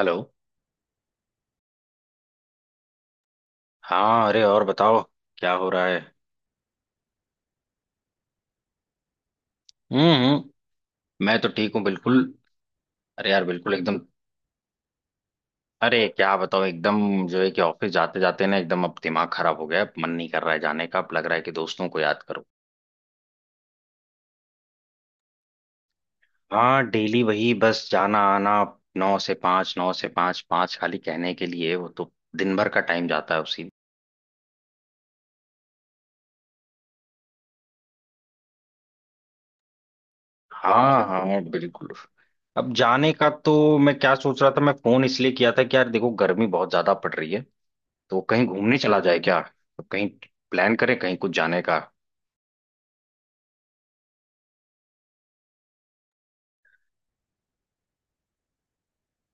Hello. हाँ, अरे और बताओ, क्या हो रहा है? हम्म। मैं तो ठीक हूँ बिल्कुल। अरे यार, बिल्कुल एकदम। अरे क्या बताओ, एकदम जो है कि ऑफिस जाते जाते ना एकदम अब दिमाग खराब हो गया, अब मन नहीं कर रहा है जाने का, अब लग रहा है कि दोस्तों को याद करो। हाँ, डेली वही बस जाना आना, नौ से पाँच पाँच खाली कहने के लिए, वो तो दिन भर का टाइम जाता है उसी में। हाँ हाँ बिल्कुल। अब जाने का तो, मैं क्या सोच रहा था, मैं फोन इसलिए किया था कि यार देखो, गर्मी बहुत ज्यादा पड़ रही है, तो कहीं घूमने चला जाए क्या, तो कहीं प्लान करें कहीं कुछ जाने का।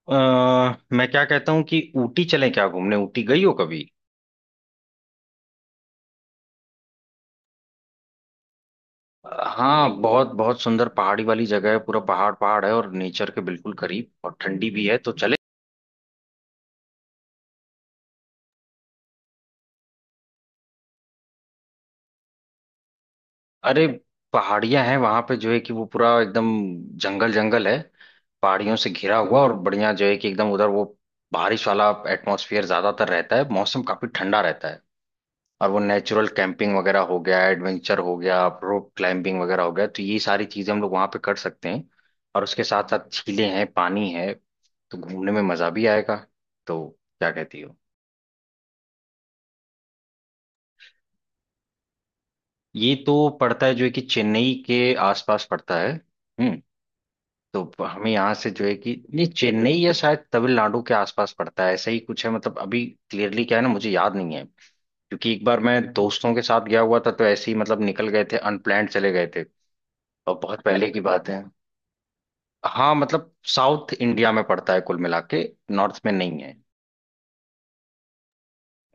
अ, मैं क्या कहता हूँ कि ऊटी चलें क्या घूमने, ऊटी गई हो कभी? अ, हाँ, बहुत बहुत सुंदर पहाड़ी वाली जगह है, पूरा पहाड़ पहाड़ है, और नेचर के बिल्कुल करीब, और ठंडी भी है, तो चले। अरे पहाड़ियां हैं वहां पे, जो है कि वो पूरा एकदम जंगल जंगल है, पहाड़ियों से घिरा हुआ, और बढ़िया जो है कि एकदम उधर वो बारिश वाला एटमॉस्फेयर ज्यादातर रहता है, मौसम काफी ठंडा रहता है, और वो नेचुरल कैंपिंग वगैरह हो गया, एडवेंचर हो गया, रोप क्लाइंबिंग वगैरह हो गया, तो ये सारी चीजें हम लोग वहां पे कर सकते हैं। और उसके साथ साथ झीलें हैं, पानी है, तो घूमने में मजा भी आएगा। तो क्या कहती हो? ये तो पड़ता है जो है कि चेन्नई के आसपास पड़ता है। तो हमें यहाँ से जो है कि ये चेन्नई या शायद तमिलनाडु के आसपास पड़ता है, ऐसा ही कुछ है, मतलब अभी क्लियरली क्या है ना, मुझे याद नहीं है, क्योंकि एक बार मैं दोस्तों के साथ गया हुआ था तो ऐसे ही मतलब निकल गए थे, अनप्लान्ड चले गए थे, और बहुत पहले की बात है। हाँ मतलब साउथ इंडिया में पड़ता है कुल मिला के, नॉर्थ में नहीं है।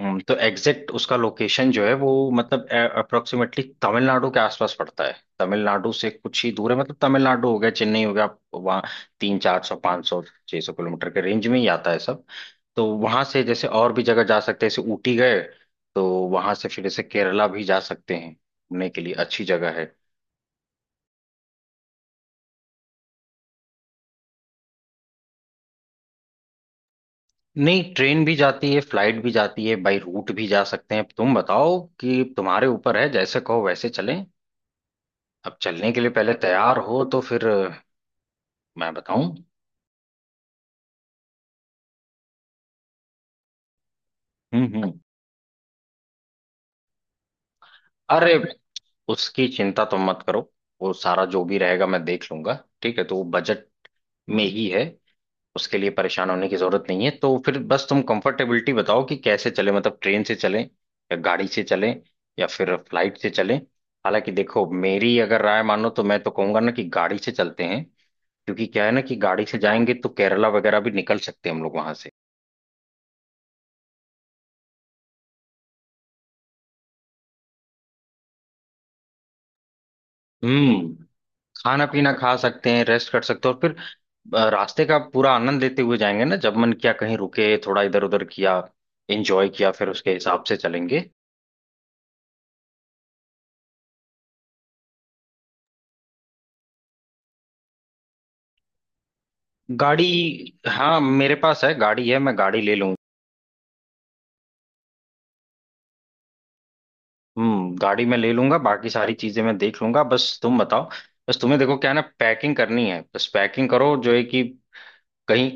तो एग्जैक्ट उसका लोकेशन जो है वो मतलब अप्रोक्सीमेटली तमिलनाडु के आसपास पड़ता है, तमिलनाडु से कुछ ही दूर है, मतलब तमिलनाडु हो गया, चेन्नई हो गया, आप वहाँ 300-400 500 600 किलोमीटर के रेंज में ही आता है सब। तो वहां से जैसे और भी जगह जा सकते हैं, जैसे ऊटी गए तो वहां से फिर जैसे केरला भी जा सकते हैं, घूमने के लिए अच्छी जगह है। नहीं, ट्रेन भी जाती है, फ्लाइट भी जाती है, बाई रूट भी जा सकते हैं, अब तुम बताओ कि तुम्हारे ऊपर है, जैसे कहो वैसे चलें। अब चलने के लिए पहले तैयार हो तो फिर मैं बताऊं। हम्म। अरे उसकी चिंता तुम मत करो, वो सारा जो भी रहेगा मैं देख लूंगा, ठीक है, तो वो बजट में ही है, उसके लिए परेशान होने की जरूरत नहीं है, तो फिर बस तुम कंफर्टेबिलिटी बताओ कि कैसे चले, मतलब ट्रेन से चलें या गाड़ी से चलें या फिर फ्लाइट से चलें। हालांकि देखो, मेरी अगर राय मानो तो मैं तो कहूंगा ना कि गाड़ी से चलते हैं, क्योंकि क्या है ना कि गाड़ी से जाएंगे तो केरला वगैरह भी निकल सकते हैं हम लोग वहां से। हम्म खाना पीना खा सकते हैं, रेस्ट कर सकते हैं, और फिर रास्ते का पूरा आनंद लेते हुए जाएंगे ना, जब मन किया कहीं रुके, थोड़ा इधर उधर किया, एंजॉय किया, फिर उसके हिसाब से चलेंगे। गाड़ी हाँ मेरे पास है, गाड़ी है, मैं गाड़ी ले लूँ। गाड़ी मैं ले लूंगा, बाकी सारी चीजें मैं देख लूंगा, बस तुम बताओ, बस तुम्हें देखो क्या है ना, पैकिंग करनी है, बस पैकिंग करो जो है कि कहीं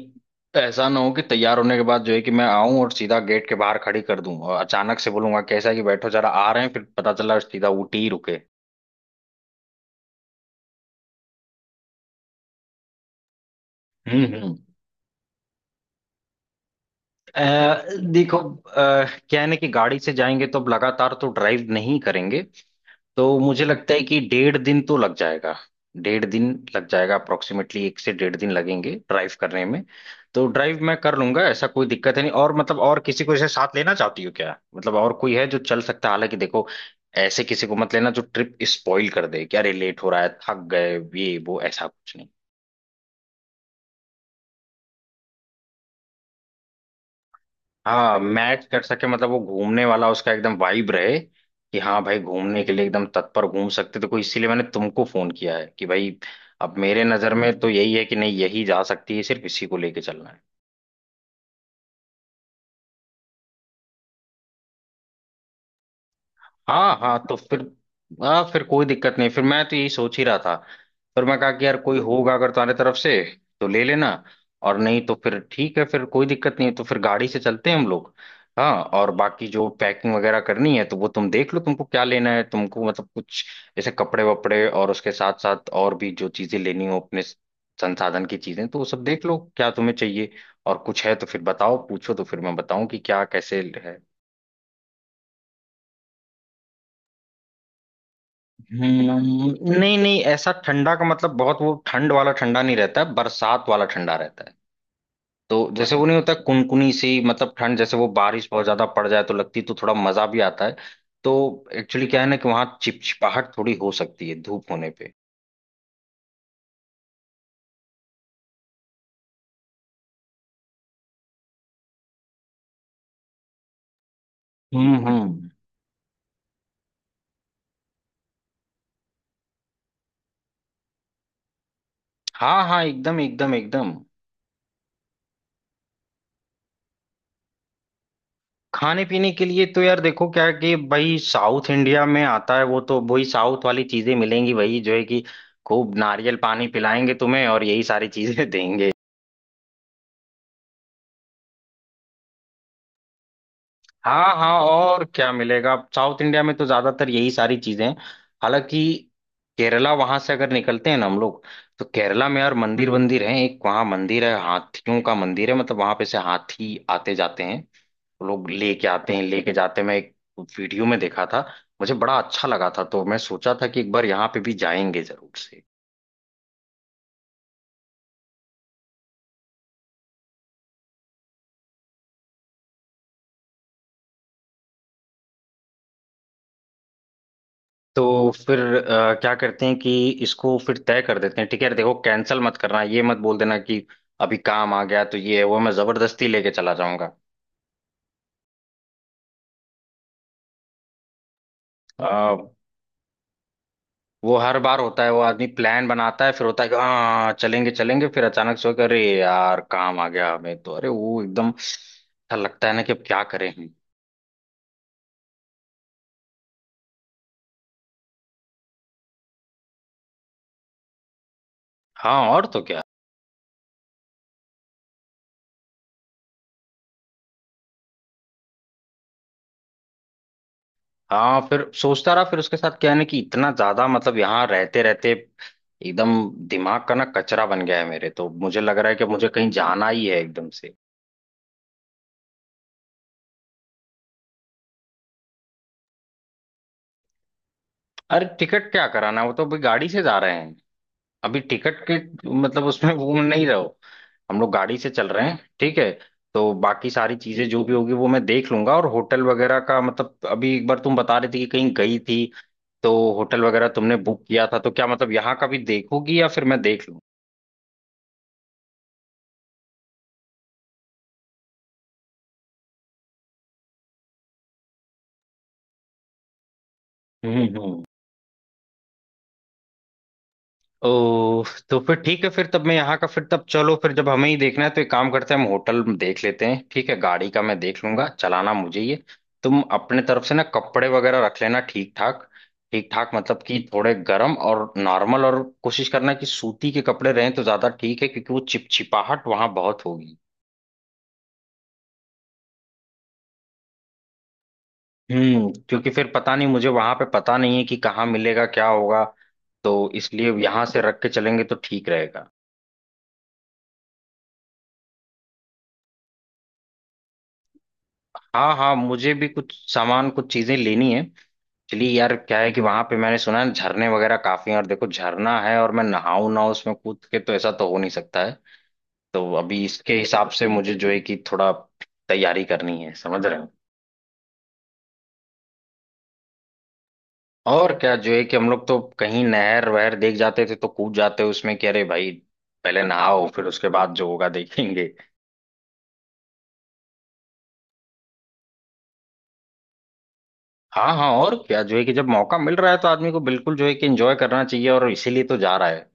ऐसा ना हो कि तैयार होने के बाद जो है कि मैं आऊं और सीधा गेट के बाहर खड़ी कर दूं और अचानक से बोलूंगा कैसा है कि बैठो जरा, आ रहे हैं, फिर पता चला सीधा ऊटी ही रुके। हम्म हम्म। अ, देखो क्या है ना कि गाड़ी से जाएंगे तो अब लगातार तो ड्राइव नहीं करेंगे, तो मुझे लगता है कि डेढ़ दिन तो लग जाएगा, डेढ़ दिन लग जाएगा, अप्रोक्सीमेटली एक से डेढ़ दिन लगेंगे ड्राइव करने में। तो ड्राइव मैं कर लूंगा, ऐसा कोई दिक्कत है नहीं, और मतलब और किसी को इसे साथ लेना चाहती हो क्या, मतलब और कोई है जो चल सकता है? हालांकि देखो, ऐसे किसी को मत लेना जो ट्रिप स्पॉइल कर दे कि अरे लेट हो रहा है, थक गए, ये वो ऐसा कुछ। हाँ मैच कर सके, मतलब वो घूमने वाला उसका एकदम वाइब रहे कि हाँ भाई घूमने के लिए एकदम तत्पर, घूम सकते तो कोई, इसीलिए मैंने तुमको फोन किया है कि भाई अब मेरे नजर में तो यही है कि नहीं, यही जा सकती है, सिर्फ इसी को लेके चलना है। हाँ हाँ, तो फिर हाँ फिर कोई दिक्कत नहीं, फिर मैं तो यही सोच ही रहा था, फिर मैं कहा कि यार कोई होगा अगर तुम्हारे तरफ से तो ले लेना, और नहीं तो फिर ठीक है, फिर कोई दिक्कत नहीं है, तो फिर गाड़ी से चलते हैं हम लोग। हाँ, और बाकी जो पैकिंग वगैरह करनी है तो वो तुम देख लो, तुमको क्या लेना है, तुमको मतलब कुछ जैसे कपड़े वपड़े, और उसके साथ साथ और भी जो चीजें लेनी हो अपने संसाधन की चीजें, तो वो सब देख लो क्या तुम्हें चाहिए और कुछ है तो फिर बताओ पूछो, तो फिर मैं बताऊं कि क्या कैसे है। नहीं नहीं, ऐसा ठंडा का मतलब बहुत वो ठंड वाला ठंडा नहीं रहता है, बरसात वाला ठंडा रहता है, तो जैसे वो नहीं होता कुनकुनी सी मतलब ठंड, जैसे वो बारिश बहुत ज्यादा पड़ जाए तो लगती है, तो थोड़ा मजा भी आता है। तो एक्चुअली क्या है ना कि वहां चिपचिपाहट थोड़ी हो सकती है धूप होने पे। हम्म। हाँ हाँ एकदम एकदम एकदम। खाने पीने के लिए तो यार देखो क्या है कि भाई साउथ इंडिया में आता है वो, तो वही साउथ वाली चीजें मिलेंगी, वही जो है कि खूब नारियल पानी पिलाएंगे तुम्हें और यही सारी चीजें देंगे। हाँ हाँ, और क्या मिलेगा साउथ इंडिया में तो ज्यादातर यही सारी चीजें हैं। हालांकि केरला वहां से अगर निकलते हैं ना हम लोग, तो केरला में यार मंदिर वंदिर हैं, एक वहाँ मंदिर है, हाथियों का मंदिर है, मतलब वहां पे से हाथी आते जाते हैं, तो लोग लेके आते हैं, लेके जाते हैं, मैं एक वीडियो में देखा था, मुझे बड़ा अच्छा लगा था, तो मैं सोचा था कि एक बार यहाँ पे भी जाएंगे जरूर से। तो फिर क्या करते हैं कि इसको फिर तय कर देते हैं, ठीक है, देखो कैंसिल मत करना, ये मत बोल देना कि अभी काम आ गया तो ये है वो है, मैं जबरदस्ती लेके चला जाऊंगा। अ, वो हर बार होता है, वो आदमी प्लान बनाता है, फिर होता है कि हाँ चलेंगे चलेंगे फिर अचानक से होकर अरे यार काम आ गया हमें, तो अरे वो एकदम ऐसा लगता है ना कि अब क्या करें हम। हाँ, और तो क्या, हाँ फिर सोचता रहा, फिर उसके साथ क्या है ना कि इतना ज्यादा मतलब यहाँ रहते रहते एकदम दिमाग का ना कचरा बन गया है मेरे, तो मुझे लग रहा है कि मुझे कहीं जाना ही है एकदम से। अरे टिकट क्या कराना है? वो तो अभी गाड़ी से जा रहे हैं, अभी टिकट के मतलब उसमें वो नहीं रहो, हम लोग गाड़ी से चल रहे हैं, ठीक है। तो बाकी सारी चीजें जो भी होगी वो मैं देख लूंगा, और होटल वगैरह का मतलब अभी एक बार तुम बता रही थी कि कहीं गई थी, तो होटल वगैरह तुमने बुक किया था, तो क्या मतलब यहाँ का भी देखोगी या फिर मैं देख लूँ? हम्म। ओ, तो फिर ठीक है, फिर तब मैं यहाँ का, फिर तब चलो फिर जब हमें ही देखना है तो एक काम करते हैं, हम होटल में देख लेते हैं, ठीक है, गाड़ी का मैं देख लूंगा, चलाना मुझे, ये तुम अपने तरफ से ना कपड़े वगैरह रख लेना ठीक ठाक, ठीक ठाक मतलब कि थोड़े गर्म और नॉर्मल, और कोशिश करना कि सूती के कपड़े रहें तो ज्यादा ठीक है क्योंकि वो चिपचिपाहट वहां बहुत होगी। क्योंकि फिर पता नहीं, मुझे वहां पे पता नहीं है कि कहाँ मिलेगा क्या होगा, तो इसलिए यहाँ से रख के चलेंगे तो ठीक रहेगा। हाँ हाँ, मुझे भी कुछ सामान कुछ चीजें लेनी है। एक्चुअली यार क्या है कि वहां पे मैंने सुना है झरने वगैरह काफी हैं, और देखो झरना है और मैं नहाऊं ना उसमें कूद के, तो ऐसा तो हो नहीं सकता है, तो अभी इसके हिसाब से मुझे जो है कि थोड़ा तैयारी करनी है, समझ रहे हो। और क्या जो है कि हम लोग तो कहीं नहर वहर देख जाते थे तो कूद जाते उसमें कि अरे भाई पहले नहाओ फिर उसके बाद जो होगा देखेंगे। हाँ हाँ, और क्या जो है कि जब मौका मिल रहा है तो आदमी को बिल्कुल जो है कि एंजॉय करना चाहिए, और इसीलिए तो जा रहा है।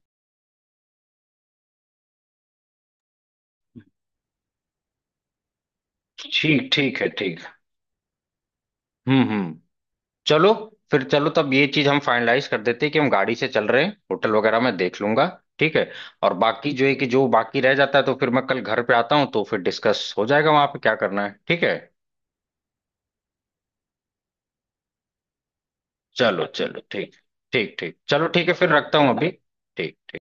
ठीक ठीक है ठीक। हम्म। चलो फिर चलो, तब ये चीज हम फाइनलाइज कर देते हैं कि हम गाड़ी से चल रहे हैं, होटल वगैरह मैं देख लूंगा, ठीक है। और बाकी जो है कि जो बाकी रह जाता है तो फिर मैं कल घर पे आता हूँ तो फिर डिस्कस हो जाएगा वहां पे क्या करना है, ठीक है। चलो चलो ठीक, ठीक ठीक चलो, ठीक है फिर रखता हूँ अभी। ठीक